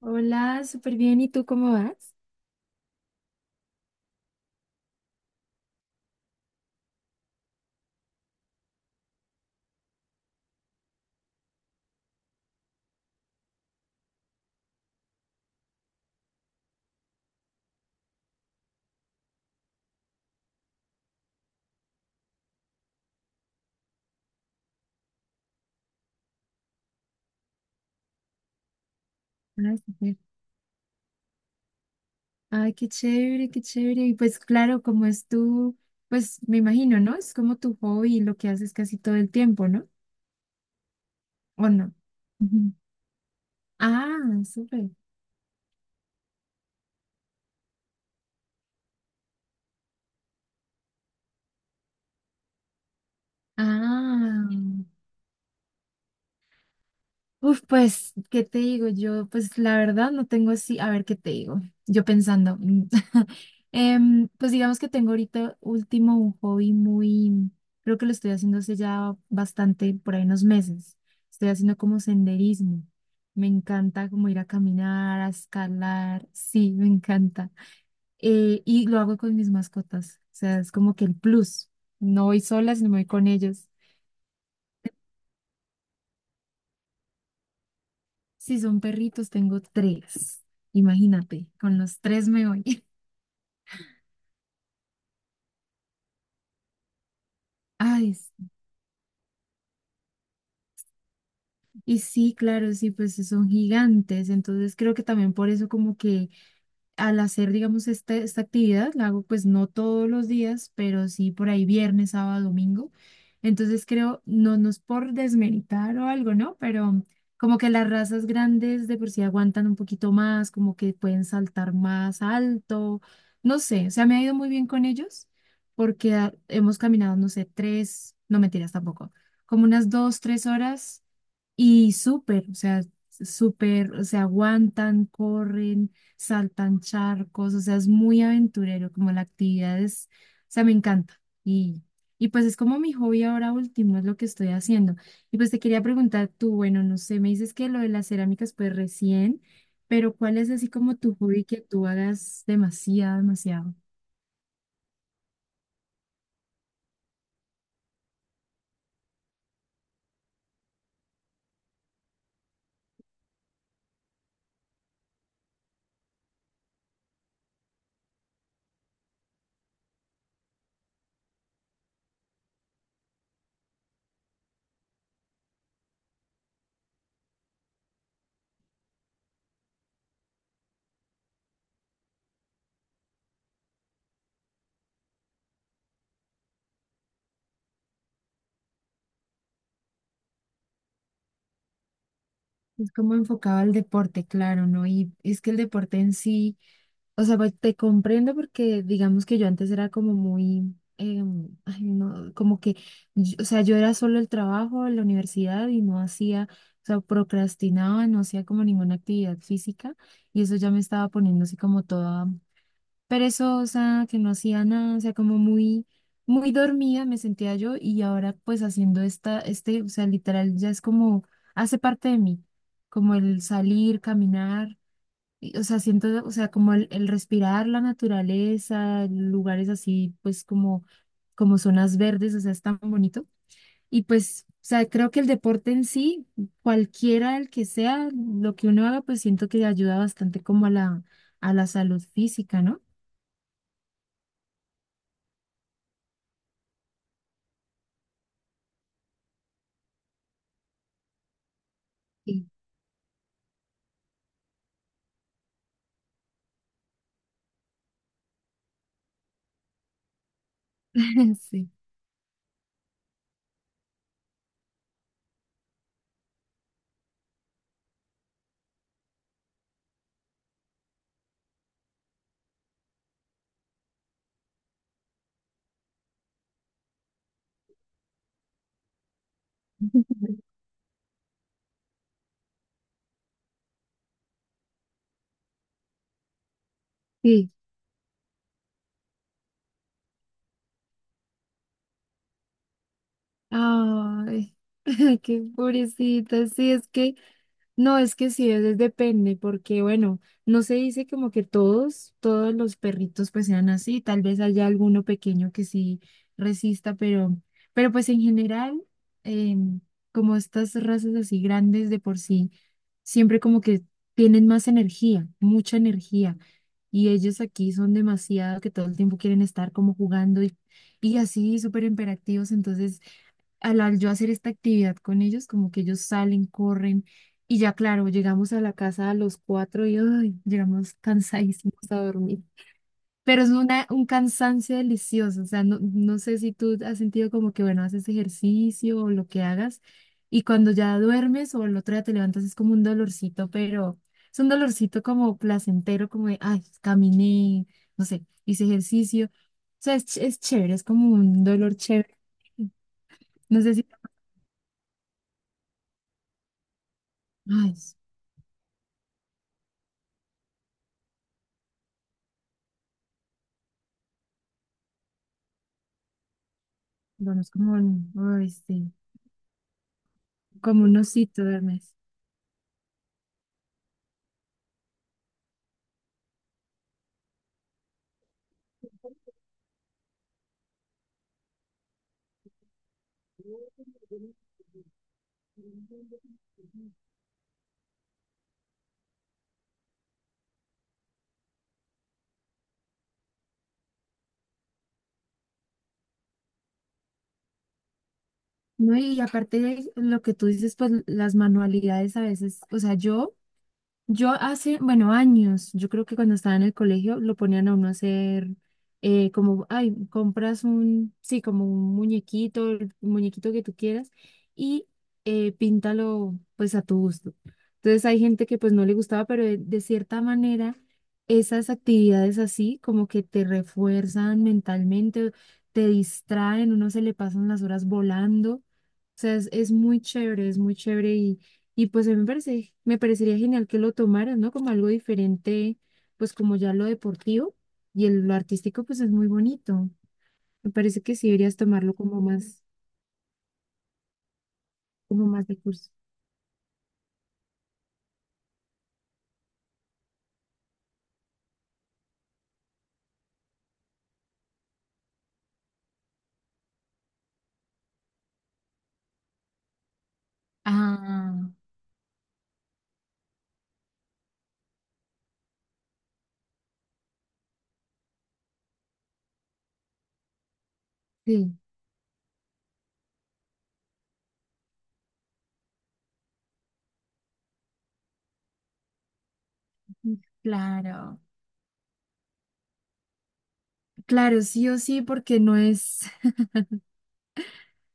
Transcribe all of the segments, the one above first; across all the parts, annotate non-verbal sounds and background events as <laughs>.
Hola, súper bien. ¿Y tú cómo vas? Ah, súper. Ay, qué chévere, qué chévere. Y pues claro, como es tu, pues me imagino, ¿no? Es como tu hobby, lo que haces casi todo el tiempo, ¿no? ¿O no? Ujú. Ah, súper. Ah. Uf, pues, ¿qué te digo? Yo, pues, la verdad no tengo así, a ver, ¿qué te digo? Yo pensando, <laughs> pues digamos que tengo ahorita último un hobby muy, creo que lo estoy haciendo hace ya bastante, por ahí unos meses. Estoy haciendo como senderismo. Me encanta como ir a caminar, a escalar, sí, me encanta. Y lo hago con mis mascotas, o sea, es como que el plus. No voy sola, sino voy con ellos. Si son perritos, tengo tres. Imagínate, con los tres me voy. <laughs> Ay, y sí, claro, sí, pues son gigantes, entonces creo que también por eso como que al hacer, digamos, esta actividad, la hago pues no todos los días, pero sí por ahí viernes, sábado, domingo. Entonces creo, no, no es por desmeritar o algo, ¿no? Pero como que las razas grandes de por sí aguantan un poquito más, como que pueden saltar más alto, no sé, o sea, me ha ido muy bien con ellos porque hemos caminado, no sé, tres, no mentiras tampoco, como unas dos, tres horas y súper, o sea, súper, se aguantan, corren, saltan charcos, o sea, es muy aventurero, como la actividad es, o sea, me encanta. Y pues es como mi hobby ahora último, es lo que estoy haciendo. Y pues te quería preguntar tú, bueno, no sé, me dices que lo de las cerámicas, pues recién, pero ¿cuál es así como tu hobby que tú hagas demasiado, demasiado? Es como enfocado al deporte, claro, ¿no? Y es que el deporte en sí. O sea, pues, te comprendo porque digamos que yo antes era como muy, ay, no, como que, o sea, yo era solo el trabajo, la universidad y no hacía, o sea, procrastinaba, no hacía como ninguna actividad física y eso ya me estaba poniendo así como toda perezosa, que no hacía nada, o sea, como muy, muy dormida me sentía yo y ahora pues haciendo esta, o sea, literal ya es como, hace parte de mí, como el salir, caminar y, o sea, siento, o sea, como el respirar la naturaleza, lugares así, pues como zonas verdes, o sea, es tan bonito. Y pues, o sea, creo que el deporte en sí, cualquiera el que sea, lo que uno haga, pues siento que ayuda bastante como a la salud física, ¿no? Sí, <laughs> sí, sí. Ay, <laughs> qué pobrecita, sí, es que no, es que sí, es, depende, porque bueno, no se dice como que todos, todos los perritos pues sean así, tal vez haya alguno pequeño que sí resista, pero, pues en general, em, como estas razas así grandes de por sí, siempre como que tienen más energía, mucha energía, y ellos aquí son demasiado que todo el tiempo quieren estar como jugando y así súper imperativos, entonces al yo hacer esta actividad con ellos, como que ellos salen, corren y ya claro, llegamos a la casa a los cuatro y ay, llegamos cansadísimos a dormir. Pero es un cansancio delicioso. O sea, no, no sé si tú has sentido como que, bueno, haces ejercicio o lo que hagas y cuando ya duermes o el otro día te levantas es como un dolorcito, pero es un dolorcito como placentero, como de, ay, caminé, no sé, hice ejercicio. O sea, es, es chévere, es como un dolor chévere. No sé si, ay, bueno, es como, ay, sí, como un osito duermes. No, y aparte de lo que tú dices, pues las manualidades a veces, o sea, yo hace, bueno, años, yo creo que cuando estaba en el colegio lo ponían a uno a hacer como, ay, compras un, sí, como un muñequito, el muñequito que tú quieras y píntalo pues a tu gusto. Entonces hay gente que pues no le gustaba, pero de cierta manera esas actividades así como que te refuerzan mentalmente, te distraen, uno se le pasan las horas volando. O sea, es muy chévere, es muy chévere y pues a mí me parece, me parecería genial que lo tomaran, ¿no? Como algo diferente, pues como ya lo deportivo y lo artístico, pues es muy bonito. Me parece que sí deberías tomarlo como más, de curso. Ah, sí. Claro. Claro, sí o sí, porque no es... <laughs>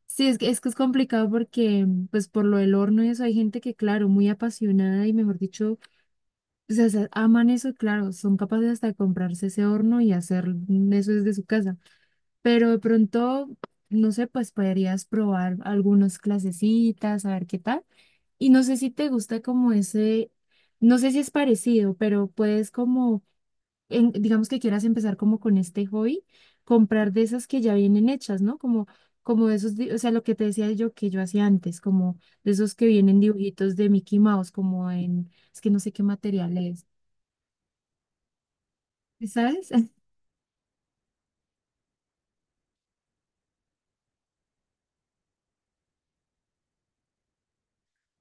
Sí, es que es complicado porque, pues por lo del horno y eso, hay gente que, claro, muy apasionada y mejor dicho, pues, o sea, aman eso, y, claro, son capaces hasta de comprarse ese horno y hacer eso desde su casa. Pero de pronto, no sé, pues podrías probar algunas clasecitas, a ver qué tal. Y no sé si te gusta como ese, no sé si es parecido, pero puedes como, digamos que quieras empezar como con este hobby, comprar de esas que ya vienen hechas, ¿no? Como de esos, o sea, lo que te decía yo que yo hacía antes, como de esos que vienen dibujitos de Mickey Mouse, como en, es que no sé qué material es, ¿sabes? <laughs>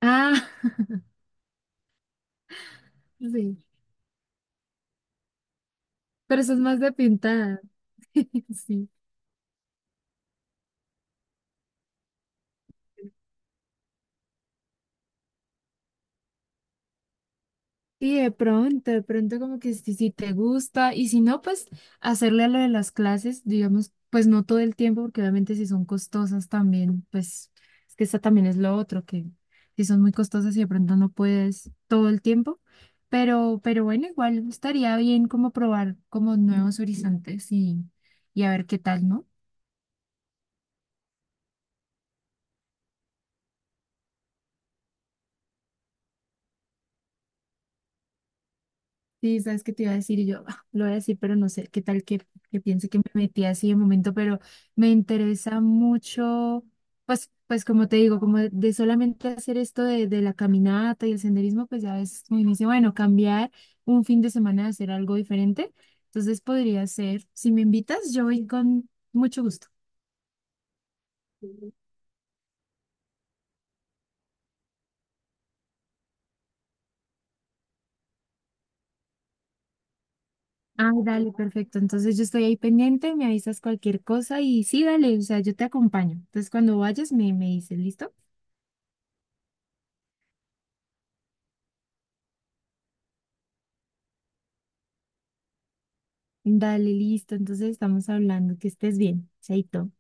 Ah, <laughs> sí, pero eso es más de pintada. <laughs> Sí. Y de pronto, como que si, te gusta y si no, pues hacerle a lo de las clases, digamos, pues no todo el tiempo, porque obviamente si son costosas también, pues es que esa también es lo otro, que si son muy costosas y de pronto no puedes todo el tiempo, pero, bueno, igual estaría bien como probar como nuevos horizontes y a ver qué tal, ¿no? Sí, sabes qué te iba a decir y yo, ah, lo voy a decir, pero no sé qué tal que piense que me metí así de momento, pero me interesa mucho, pues, como te digo, como de solamente hacer esto de la caminata y el senderismo, pues ya ves, me dice, bueno, cambiar un fin de semana a hacer algo diferente. Entonces podría ser, si me invitas, yo voy con mucho gusto. Ah, dale, perfecto. Entonces yo estoy ahí pendiente, me avisas cualquier cosa y sí, dale, o sea, yo te acompaño. Entonces cuando vayas me dices, ¿listo? Dale, listo. Entonces estamos hablando. Que estés bien. Chaito.